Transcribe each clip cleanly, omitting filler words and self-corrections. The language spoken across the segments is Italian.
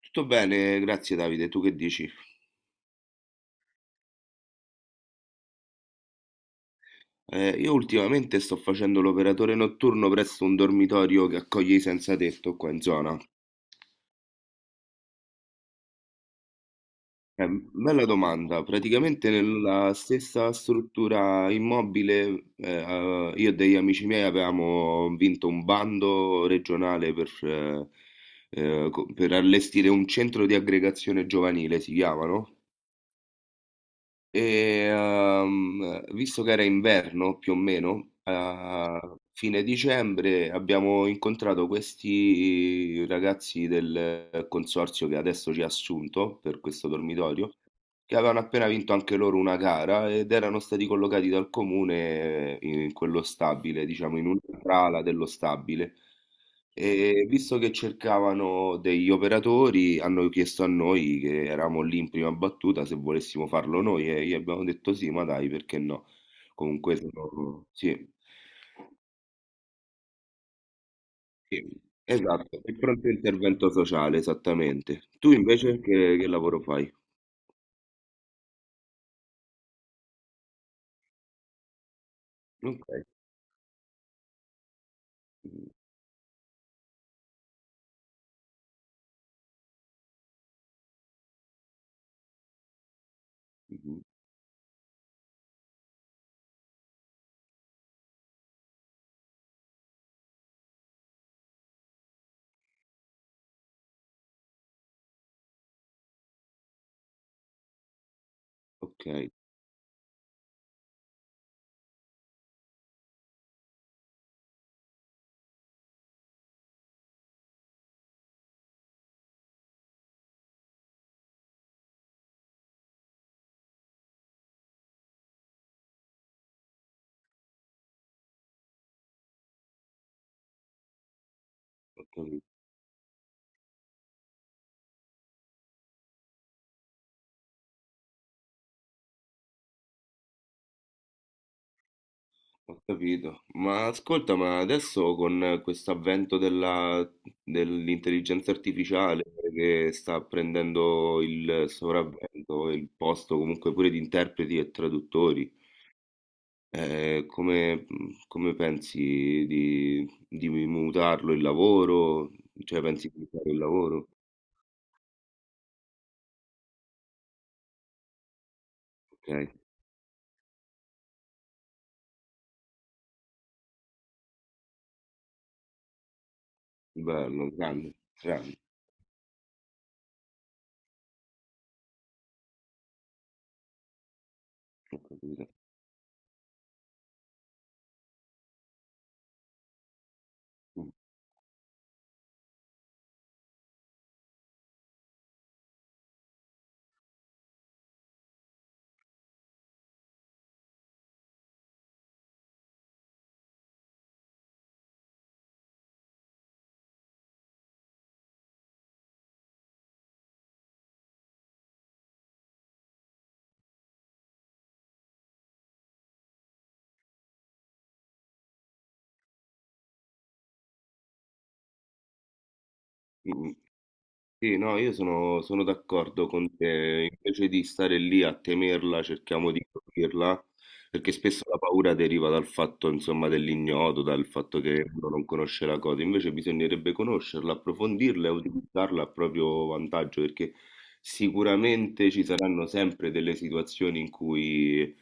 Tutto bene, grazie Davide, tu che dici? Io ultimamente sto facendo l'operatore notturno presso un dormitorio che accoglie i senza tetto qua in zona. Bella domanda, praticamente nella stessa struttura immobile io e degli amici miei avevamo vinto un bando regionale per allestire un centro di aggregazione giovanile, si chiama, no? E, visto che era inverno più o meno, a fine dicembre abbiamo incontrato questi ragazzi del consorzio che adesso ci ha assunto per questo dormitorio che avevano appena vinto anche loro una gara ed erano stati collocati dal comune in quello stabile, diciamo in un'altra ala dello stabile. E visto che cercavano degli operatori, hanno chiesto a noi che eravamo lì in prima battuta se volessimo farlo noi e gli abbiamo detto sì, ma dai, perché no? Comunque sono... Sì, sì, esatto, il pronto intervento sociale, esattamente. Tu invece che lavoro fai? Ok, mhm, ok, ok. Ho capito. Ma ascolta, ma adesso con questo avvento della- dell'intelligenza artificiale che sta prendendo il sopravvento, il posto comunque pure di interpreti e traduttori, eh, come, come pensi di mutarlo il lavoro? Cioè pensi di mutare il lavoro? Ok, bello, grande, grande. Capito. Mm, mm, mm. Sì, no, io sono, sono d'accordo con te, invece di stare lì a temerla, cerchiamo di capirla perché spesso la paura deriva dal fatto, insomma, dell'ignoto, dal fatto che uno non conosce la cosa, invece bisognerebbe conoscerla, approfondirla e utilizzarla a proprio vantaggio, perché sicuramente ci saranno sempre delle situazioni in cui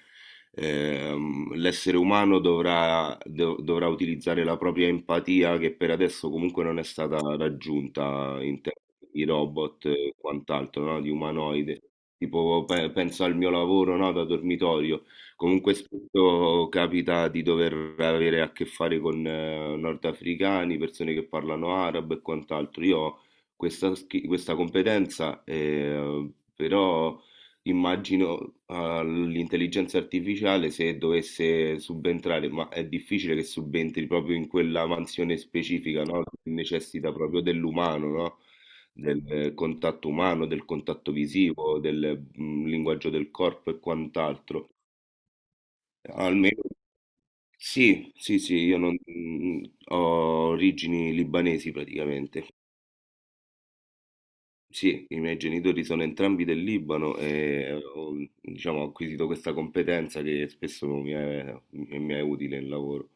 l'essere umano dovrà utilizzare la propria empatia, che per adesso comunque non è stata raggiunta in termini di robot e quant'altro, no? Di umanoide. Tipo, penso al mio lavoro, no? Da dormitorio. Comunque spesso capita di dover avere a che fare con nordafricani, persone che parlano arabo e quant'altro. Io ho questa competenza, però immagino all'intelligenza artificiale se dovesse subentrare, ma è difficile che subentri proprio in quella mansione specifica, no? Che necessita proprio dell'umano, no? Del contatto umano, del contatto visivo, del linguaggio del corpo e quant'altro. Almeno sì, sì, sì, io non, mm, ho origini libanesi praticamente. Sì, i miei genitori sono entrambi del Libano e ho, diciamo, ho acquisito questa competenza che spesso mi è utile nel lavoro.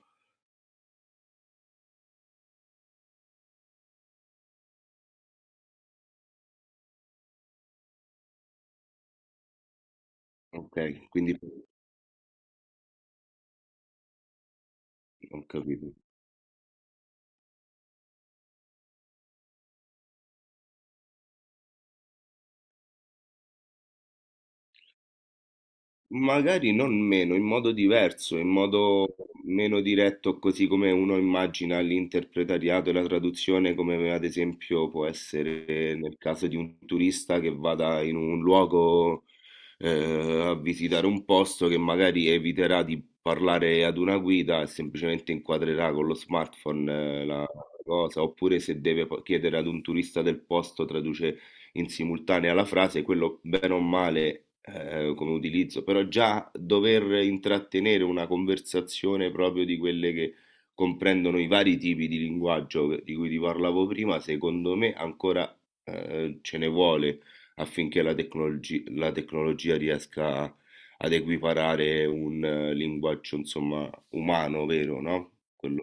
Ok, quindi ho capito. Magari non meno, in modo diverso, in modo meno diretto, così come uno immagina l'interpretariato e la traduzione, come ad esempio può essere nel caso di un turista che vada in un luogo eh, a visitare un posto che magari eviterà di parlare ad una guida e semplicemente inquadrerà con lo smartphone la cosa, oppure se deve chiedere ad un turista del posto, traduce in simultanea alla frase, quello bene o male come utilizzo, però già dover intrattenere una conversazione proprio di quelle che comprendono i vari tipi di linguaggio di cui ti parlavo prima, secondo me ancora ce ne vuole affinché la la tecnologia riesca a- ad equiparare un linguaggio, insomma, umano, vero, no? Quello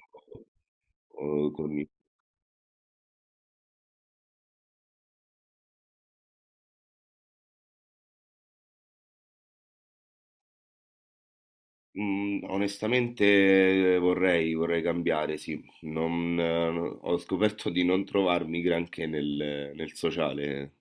con Mhmm, onestamente vorrei cambiare, sì. Non no- Ho scoperto di non trovarmi granché nel sociale.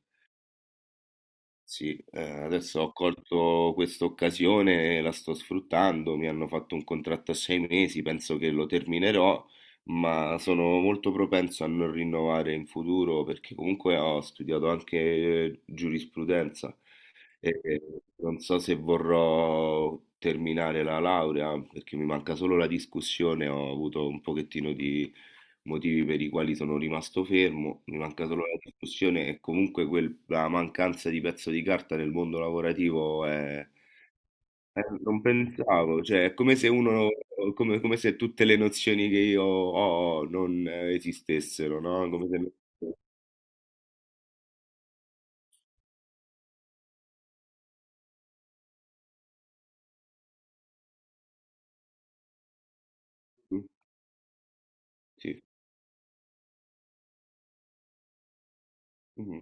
Sì, adesso ho colto questa occasione e la sto sfruttando. Mi hanno fatto un contratto a 6 mesi, penso che lo terminerò, ma sono molto propenso a non rinnovare in futuro perché comunque ho studiato anche giurisprudenza. E non so se vorrò terminare la laurea perché mi manca solo la discussione, ho avuto un pochettino di motivi per i quali sono rimasto fermo, mi manca solo la discussione e comunque la mancanza di pezzo di carta nel mondo lavorativo è... Non pensavo, cioè è come se uno, come, come se tutte le nozioni che io ho non esistessero, no? Come se... Sì, mhm,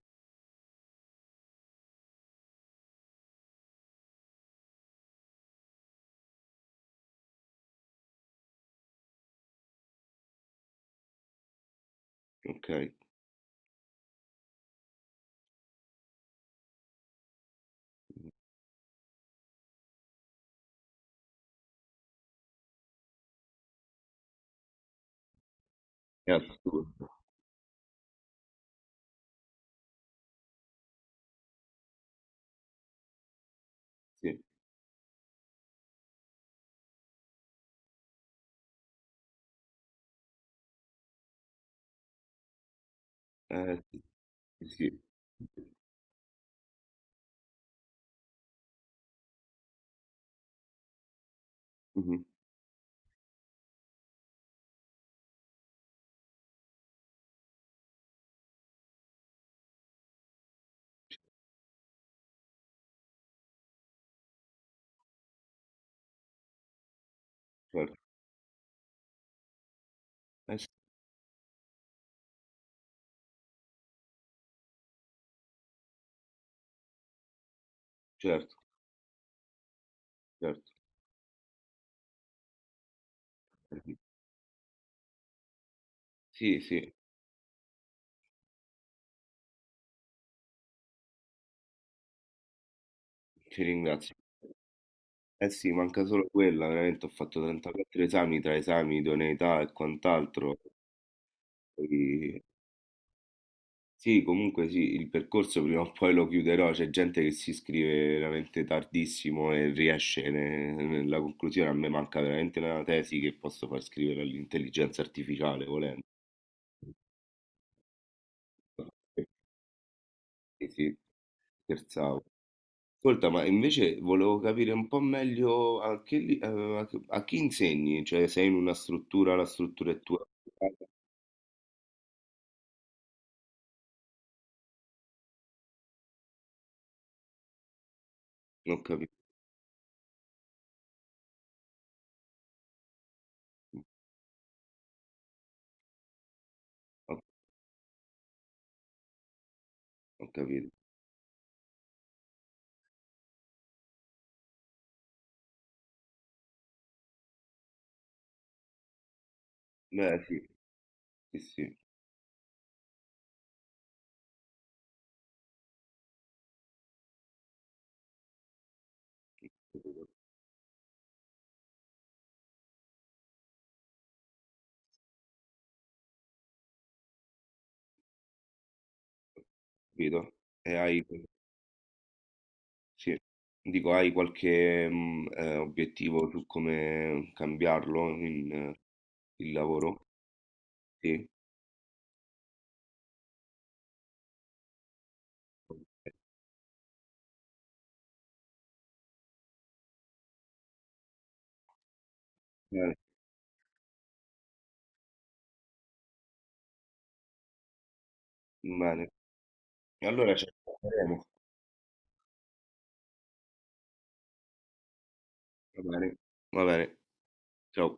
ok, è assurdo, sì. Eh, sì, sì. Mh-mh, certo. S Certo, certo. Mh-mh. Sì, sì, sì, ti ringrazio. Eh sì, manca solo quella, veramente ho fatto 34 esami tra esami, idoneità e quant'altro. Poi sì, comunque sì, il percorso prima o poi lo chiuderò, c'è gente che si iscrive veramente tardissimo e riesce ne nella conclusione, a me manca veramente la tesi che posso far scrivere all'intelligenza artificiale volen sì, sì, scherzavo. Ascolta, ma invece volevo capire un po' meglio a che, li- a che- a chi insegni, cioè sei in una struttura, la struttura è tua, eh, non ho capito, ho, ho capito. Beh, sì, sì, sì, ho capito. E hai, sì. Dico, hai qualche obiettivo su come cambiarlo il lavoro? Sì. Ok, bene, bene. Allora ci aggiorneremo. Va bene, va bene, ciao.